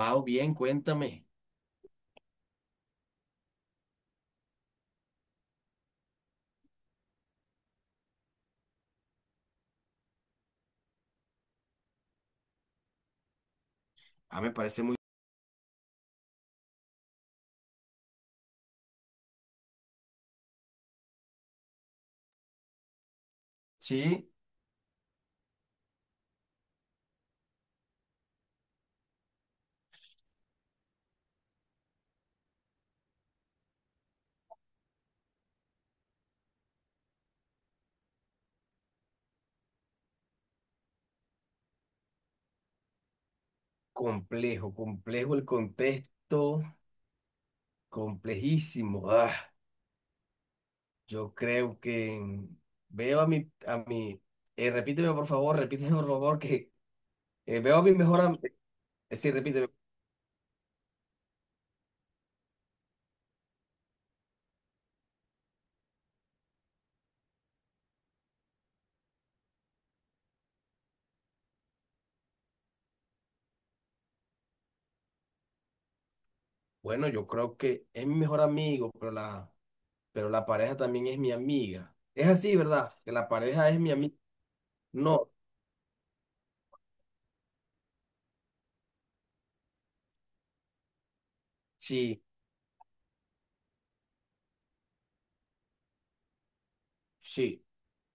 Pau, bien, cuéntame. A Sí, complejo, complejo el contexto, complejísimo. Ah, yo creo que mm, veo a mi, repíteme por favor, que veo a mi mejor amigo, sí, repíteme. Bueno, yo creo que es mi mejor amigo, pero la pareja también es mi amiga. Es así, ¿verdad? Que la pareja es mi amiga. No, sí, sí.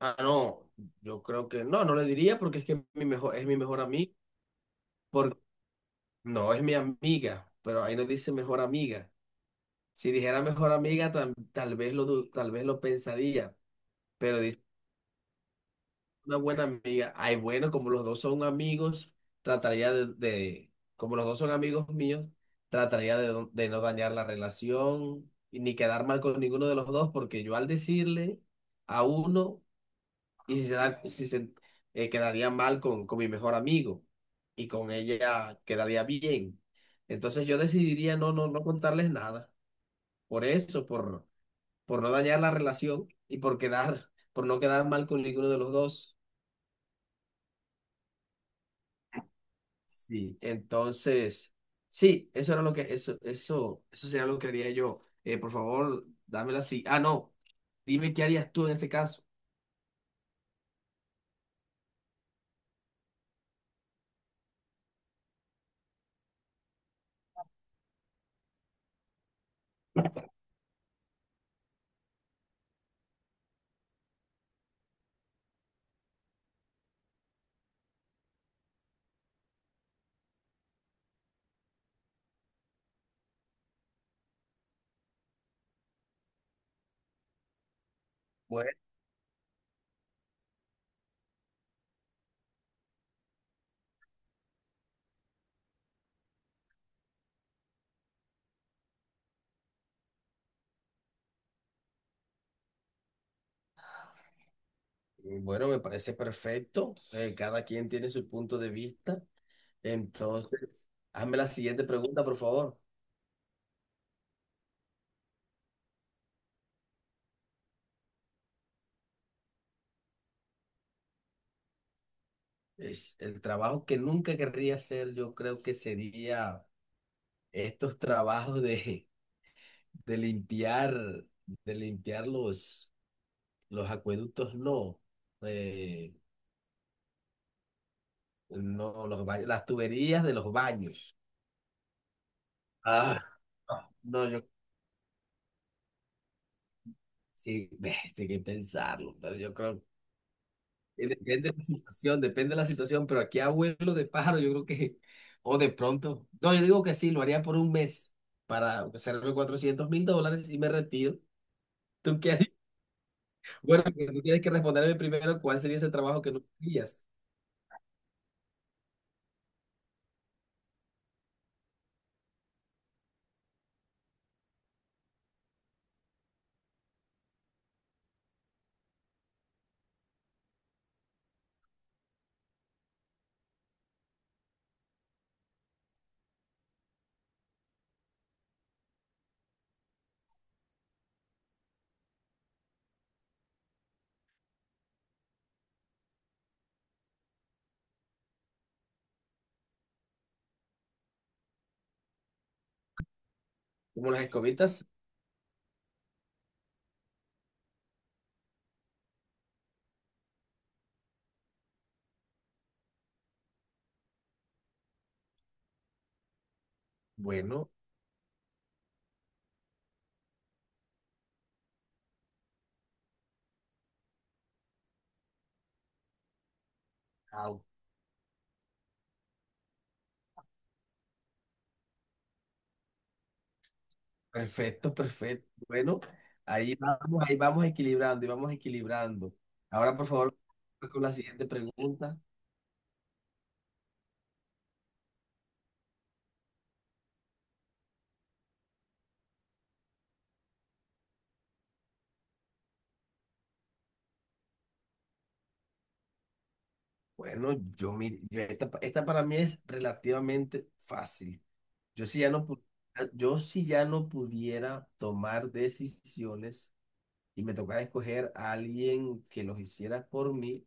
Ah, no, yo creo que no le diría porque es que es mi mejor amigo. No, es mi amiga, pero ahí nos dice mejor amiga. Si dijera mejor amiga, tal vez lo pensaría, pero dice una buena amiga. Ay, bueno, como los dos son amigos, trataría como los dos son amigos míos, trataría de no dañar la relación y ni quedar mal con ninguno de los dos, porque yo al decirle a uno y si se da, si se quedaría mal con mi mejor amigo y con ella quedaría bien. Entonces yo decidiría no contarles nada. Por eso, por no dañar la relación y por no quedar mal con ninguno de los dos. Sí. Entonces, sí, eso sería lo que haría yo. Por favor, dámela así. Ah, no, dime qué harías tú en ese caso. Bueno, bueno, me parece perfecto. Cada quien tiene su punto de vista. Entonces, hazme la siguiente pregunta, por favor. El trabajo que nunca querría hacer, yo creo que sería estos trabajos de limpiar, de limpiar los acueductos, no, eh, no, los baños, las tuberías de los baños. Ah, no, yo sí, tengo que pensarlo, pero yo creo. Depende de la situación, depende de la situación, pero aquí abuelo de pájaro, yo creo que, o de pronto, no, yo digo que sí, lo haría por un mes para hacerme 400.000 dólares y me retiro. ¿Tú qué harías? Bueno, que tú tienes que responderme primero cuál sería ese trabajo que no harías. Como las escobitas, bueno, au, perfecto, perfecto. Bueno, ahí vamos equilibrando y vamos equilibrando. Ahora, por favor, con la siguiente pregunta. Bueno, yo, mi- yo- esta para mí es relativamente fácil. Yo si ya no, pu- yo si ya no pudiera tomar decisiones y me tocara escoger a alguien que los hiciera por mí,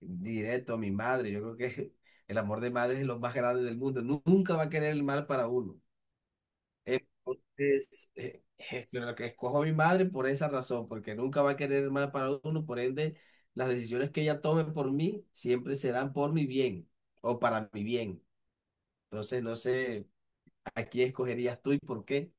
directo a mi madre. Yo creo que el amor de madre es lo más grande del mundo. Nunca va a querer el mal para uno. Entonces, es lo que escojo a mi madre por esa razón, porque nunca va a querer el mal para uno. Por ende, las decisiones que ella tome por mí siempre serán por mi bien o para mi bien. Entonces, no sé, ¿a quién escogerías tú y por qué?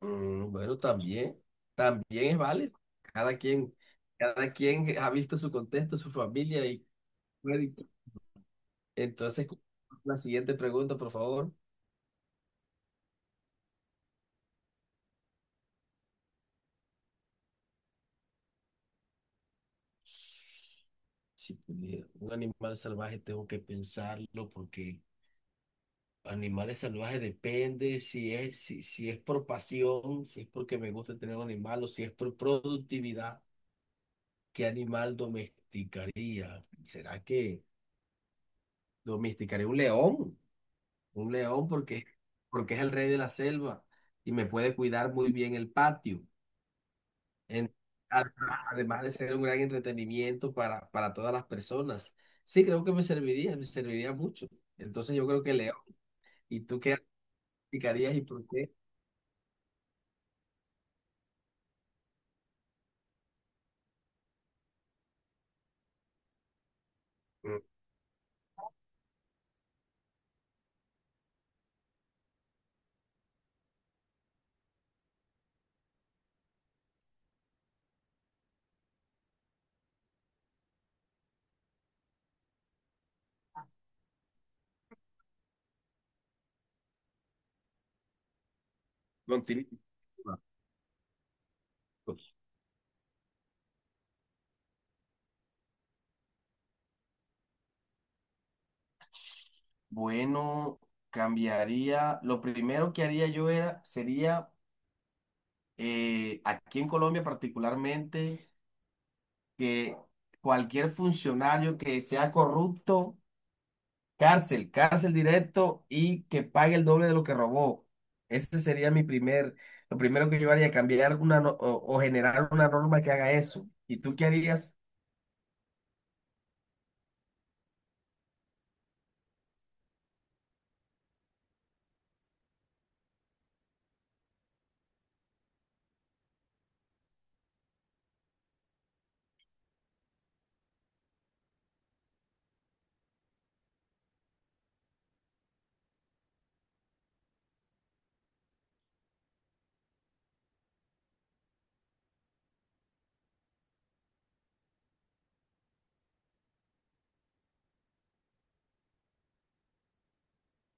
Mm, bueno, también, también es válido. Cada quien ha visto su contexto, su familia. Puede- Entonces, la siguiente pregunta, por favor. Si pudiera, un animal salvaje tengo que pensarlo porque animales salvajes depende si es por pasión, si es porque me gusta tener un animal o si es por productividad, ¿qué animal domesticaría? ¿Será que domesticaría un león? Un león porque, es el rey de la selva y me puede cuidar muy bien el patio. En- además, además de ser un gran entretenimiento para todas las personas. Sí, creo que me serviría mucho. Entonces yo creo que león. ¿Y tú qué aplicarías y por qué? Mm. no tiene- Bueno, cambiaría. Lo primero que haría yo sería aquí en Colombia particularmente, que cualquier funcionario que sea corrupto. Cárcel, cárcel directo y que pague el doble de lo que robó. Ese sería mi primer, Lo primero que yo haría, cambiar una no- o generar una norma que haga eso. ¿Y tú qué harías?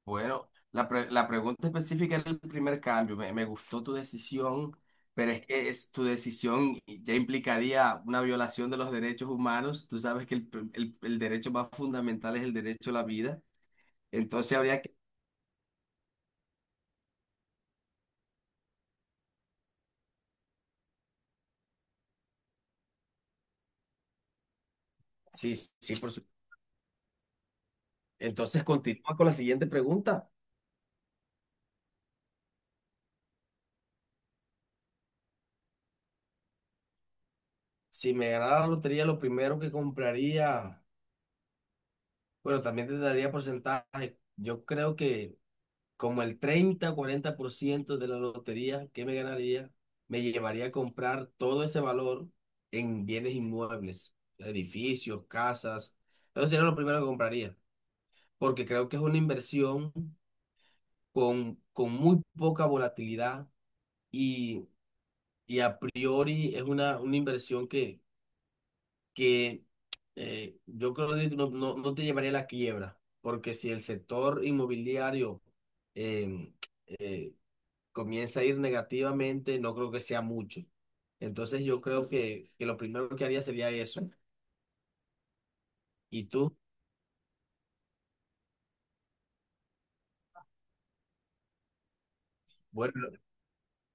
Bueno, la pregunta específica era el primer cambio. Me gustó tu decisión, pero tu decisión ya implicaría una violación de los derechos humanos. Tú sabes que el derecho más fundamental es el derecho a la vida. Entonces habría que... Sí, sí, por supuesto. Entonces continúa con la siguiente pregunta. Si me ganara la lotería, lo primero que compraría, bueno, también te daría porcentaje. Yo creo que como el treinta o 40% de la lotería que me ganaría, me llevaría a comprar todo ese valor en bienes inmuebles, edificios, casas. Eso sería lo primero que compraría, porque creo que es una inversión con muy poca volatilidad y, y a priori es una inversión que yo creo que no te llevaría a la quiebra, porque si el sector inmobiliario em, eh, comienza a ir negativamente, no creo que sea mucho. Entonces yo creo que lo primero que haría sería eso. Y tú, bueno,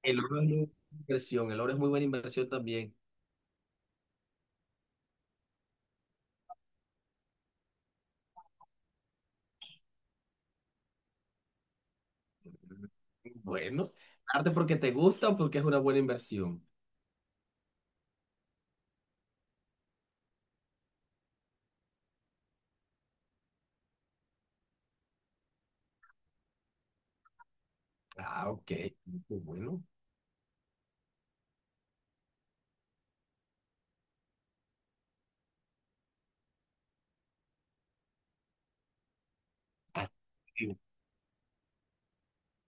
el oro es muy buena inversión, el oro es muy buena inversión también. Bueno, arte porque te gusta o porque es una buena inversión. Ah, ok, bueno.